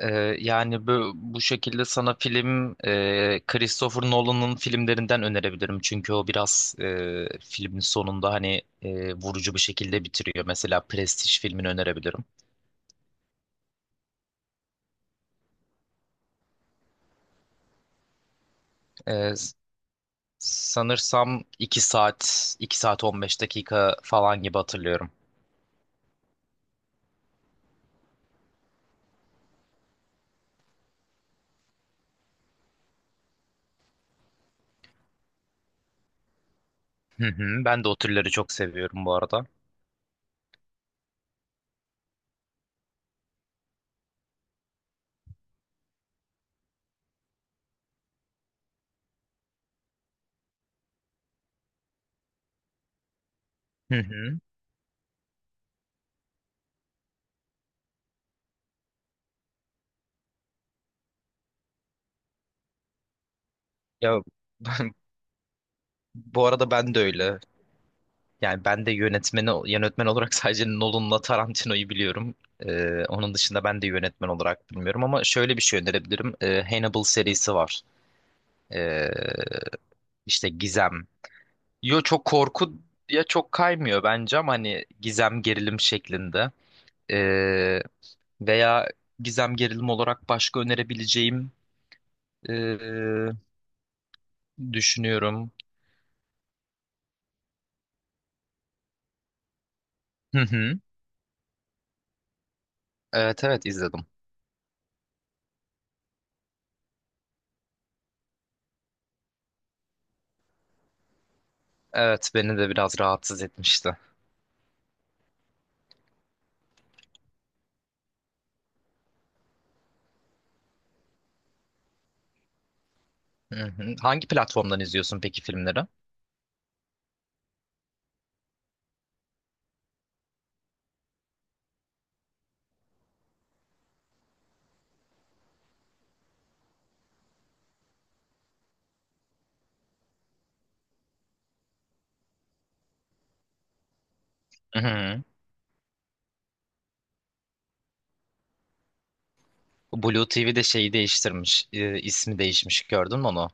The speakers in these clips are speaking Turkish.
Yani bu şekilde sana film Christopher Nolan'ın filmlerinden önerebilirim. Çünkü o biraz filmin sonunda hani vurucu bir şekilde bitiriyor. Mesela Prestige filmini önerebilirim. Ee, s- Sanırsam 2 saat, 2 saat 15 dakika falan gibi hatırlıyorum. Hı hı, ben de o türleri çok seviyorum bu arada. Hı hı. Ya bu arada ben de öyle. Yani ben de yönetmeni yönetmen olarak sadece Nolan'la Tarantino'yu biliyorum. Onun dışında ben de yönetmen olarak bilmiyorum ama şöyle bir şey önerebilirim. Hannibal serisi var. Ee, işte gizem. Yo, çok korku ya, çok kaymıyor bence ama hani gizem gerilim şeklinde. Ee, Veya gizem gerilim olarak başka önerebileceğim ee, düşünüyorum. Hı hı. Evet, evet izledim. Evet, beni de biraz rahatsız etmişti. Hı hı. Hangi platformdan izliyorsun peki filmleri? Hı hı. Blue TV'de şeyi değiştirmiş, ismi değişmiş. Gördün mü onu?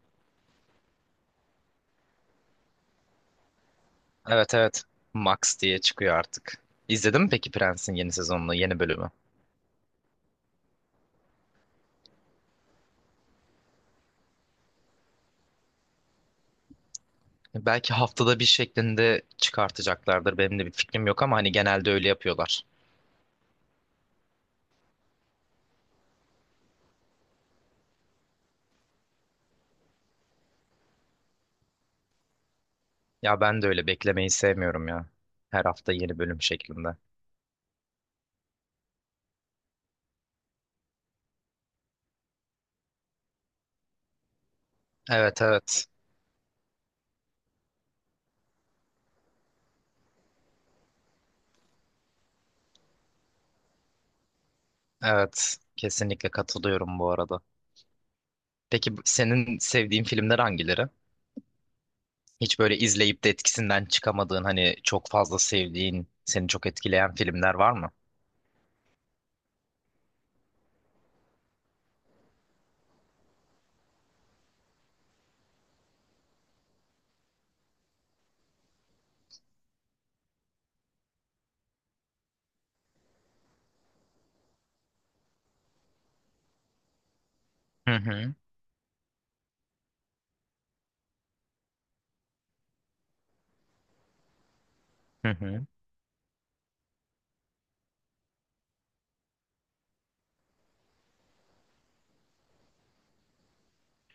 Evet, evet. Max diye çıkıyor artık. İzledin mi peki Prens'in yeni sezonunu, yeni bölümü? Belki haftada bir şeklinde çıkartacaklardır. Benim de bir fikrim yok ama hani genelde öyle yapıyorlar. Ya ben de öyle beklemeyi sevmiyorum ya. Her hafta yeni bölüm şeklinde. Evet, evet. Evet. Kesinlikle katılıyorum bu arada. Peki senin sevdiğin filmler hangileri? Hiç böyle izleyip de etkisinden çıkamadığın, hani çok fazla sevdiğin, seni çok etkileyen filmler var mı? Hı hı. Hı hı.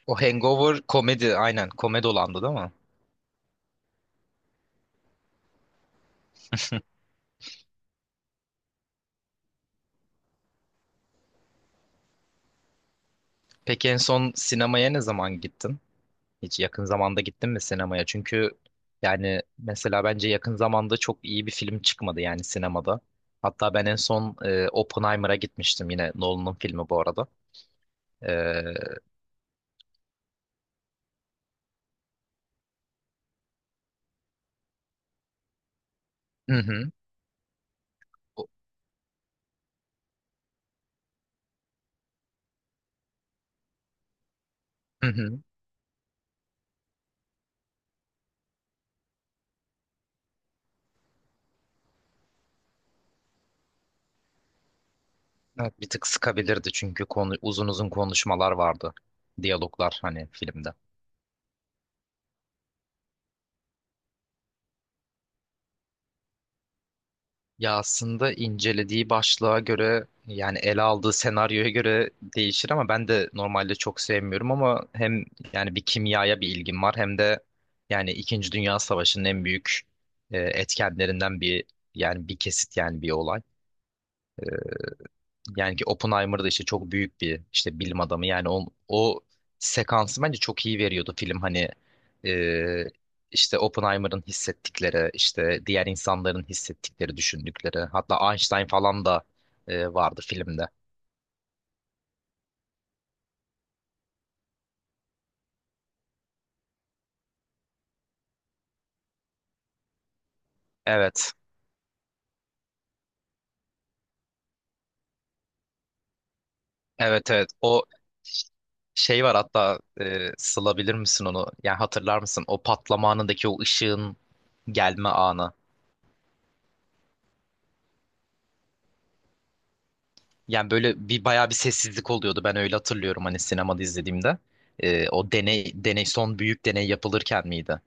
O Hangover komedi, aynen, komedi olandı değil mi? Peki en son sinemaya ne zaman gittin? Hiç yakın zamanda gittin mi sinemaya? Çünkü yani mesela bence yakın zamanda çok iyi bir film çıkmadı yani sinemada. Hatta ben en son Oppenheimer'a gitmiştim, yine Nolan'ın filmi bu arada. E, hı hı. O- Hı hı. Evet, bir tık sıkabilirdi çünkü konu, uzun uzun konuşmalar vardı. Diyaloglar hani filmde. Ya aslında incelediği başlığa göre, yani ele aldığı senaryoya göre değişir ama ben de normalde çok sevmiyorum ama hem yani bir kimyaya bir ilgim var hem de yani İkinci Dünya Savaşı'nın en büyük etkenlerinden bir, yani bir kesit, yani bir olay. E, Yani ki Oppenheimer da işte çok büyük bir işte bilim adamı. Yani o sekansı bence çok iyi veriyordu film. Hani e, işte Oppenheimer'ın hissettikleri, işte diğer insanların hissettikleri, düşündükleri. Hatta Einstein falan da vardı filmde. Evet. Evet, evet. O şey var hatta, sılabilir misin onu? Yani hatırlar mısın? O patlama anındaki o ışığın gelme anı. Yani böyle bir bayağı bir sessizlik oluyordu. Ben öyle hatırlıyorum hani sinemada izlediğimde. O deney son büyük deney yapılırken miydi?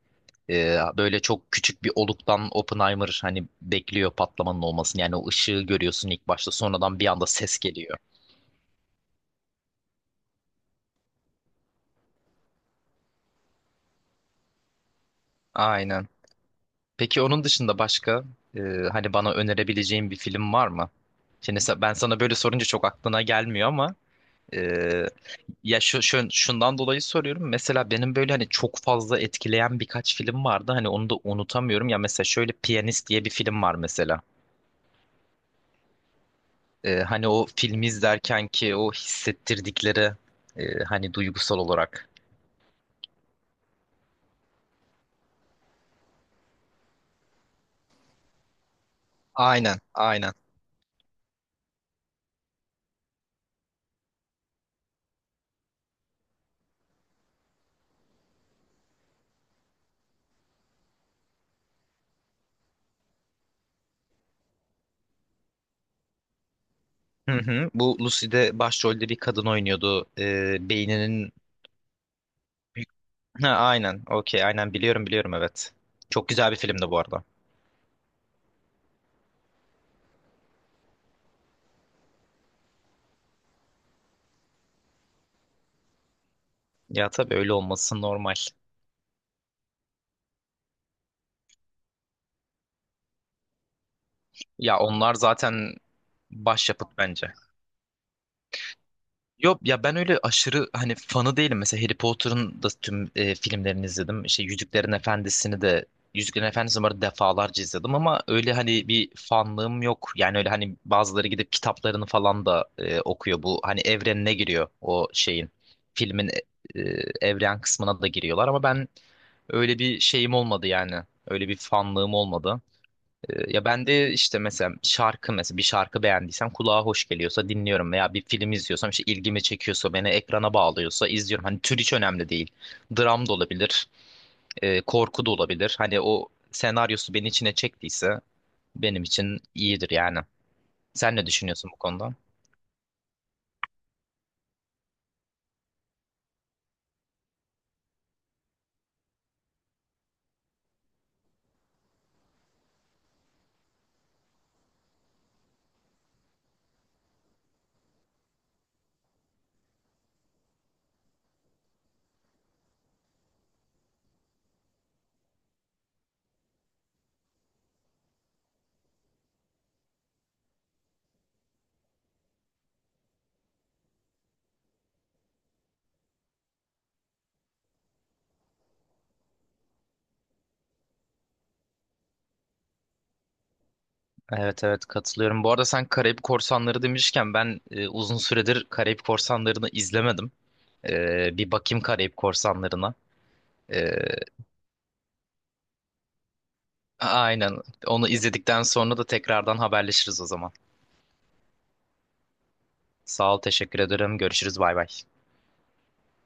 Böyle çok küçük bir oluktan Oppenheimer hani bekliyor patlamanın olmasını. Yani o ışığı görüyorsun ilk başta. Sonradan bir anda ses geliyor. Aynen. Peki onun dışında başka e, hani bana önerebileceğin bir film var mı? Şimdi ben sana böyle sorunca çok aklına gelmiyor ama ya şundan dolayı soruyorum. Mesela benim böyle hani çok fazla etkileyen birkaç film vardı. Hani onu da unutamıyorum. Ya mesela şöyle Piyanist diye bir film var mesela. Hani o filmi izlerken ki o hissettirdikleri, hani duygusal olarak. Aynen, aynen. Hı hı. Bu Lucy'de başrolde bir kadın oynuyordu. Beyninin... Ha, aynen. Okey. Aynen, biliyorum, biliyorum, evet. Çok güzel bir filmdi bu arada. Ya tabii öyle olması normal. Ya onlar zaten başyapıt bence. Yok ya, ben öyle aşırı hani fanı değilim. Mesela Harry Potter'ın da tüm filmlerini izledim. İşte Yüzüklerin Efendisi'ni bu arada defalarca izledim ama öyle hani bir fanlığım yok. Yani öyle hani bazıları gidip kitaplarını falan da okuyor. Bu hani evrenine giriyor o şeyin. Filmin evren kısmına da giriyorlar ama ben öyle bir şeyim olmadı yani. Öyle bir fanlığım olmadı. Ya ben de işte mesela şarkı, mesela bir şarkı beğendiysem kulağa hoş geliyorsa dinliyorum veya bir film izliyorsam işte ilgimi çekiyorsa, beni ekrana bağlıyorsa izliyorum. Hani tür hiç önemli değil. Dram da olabilir, korku da olabilir. Hani o senaryosu beni içine çektiyse benim için iyidir yani. Sen ne düşünüyorsun bu konuda? Evet, evet, katılıyorum. Bu arada sen Karayip Korsanları demişken ben uzun süredir Karayip Korsanları'nı izlemedim. Bir bakayım Karayip Korsanları'na. E, Aynen. Onu izledikten sonra da tekrardan haberleşiriz o zaman. Sağ ol, teşekkür ederim. Görüşürüz, bay bay.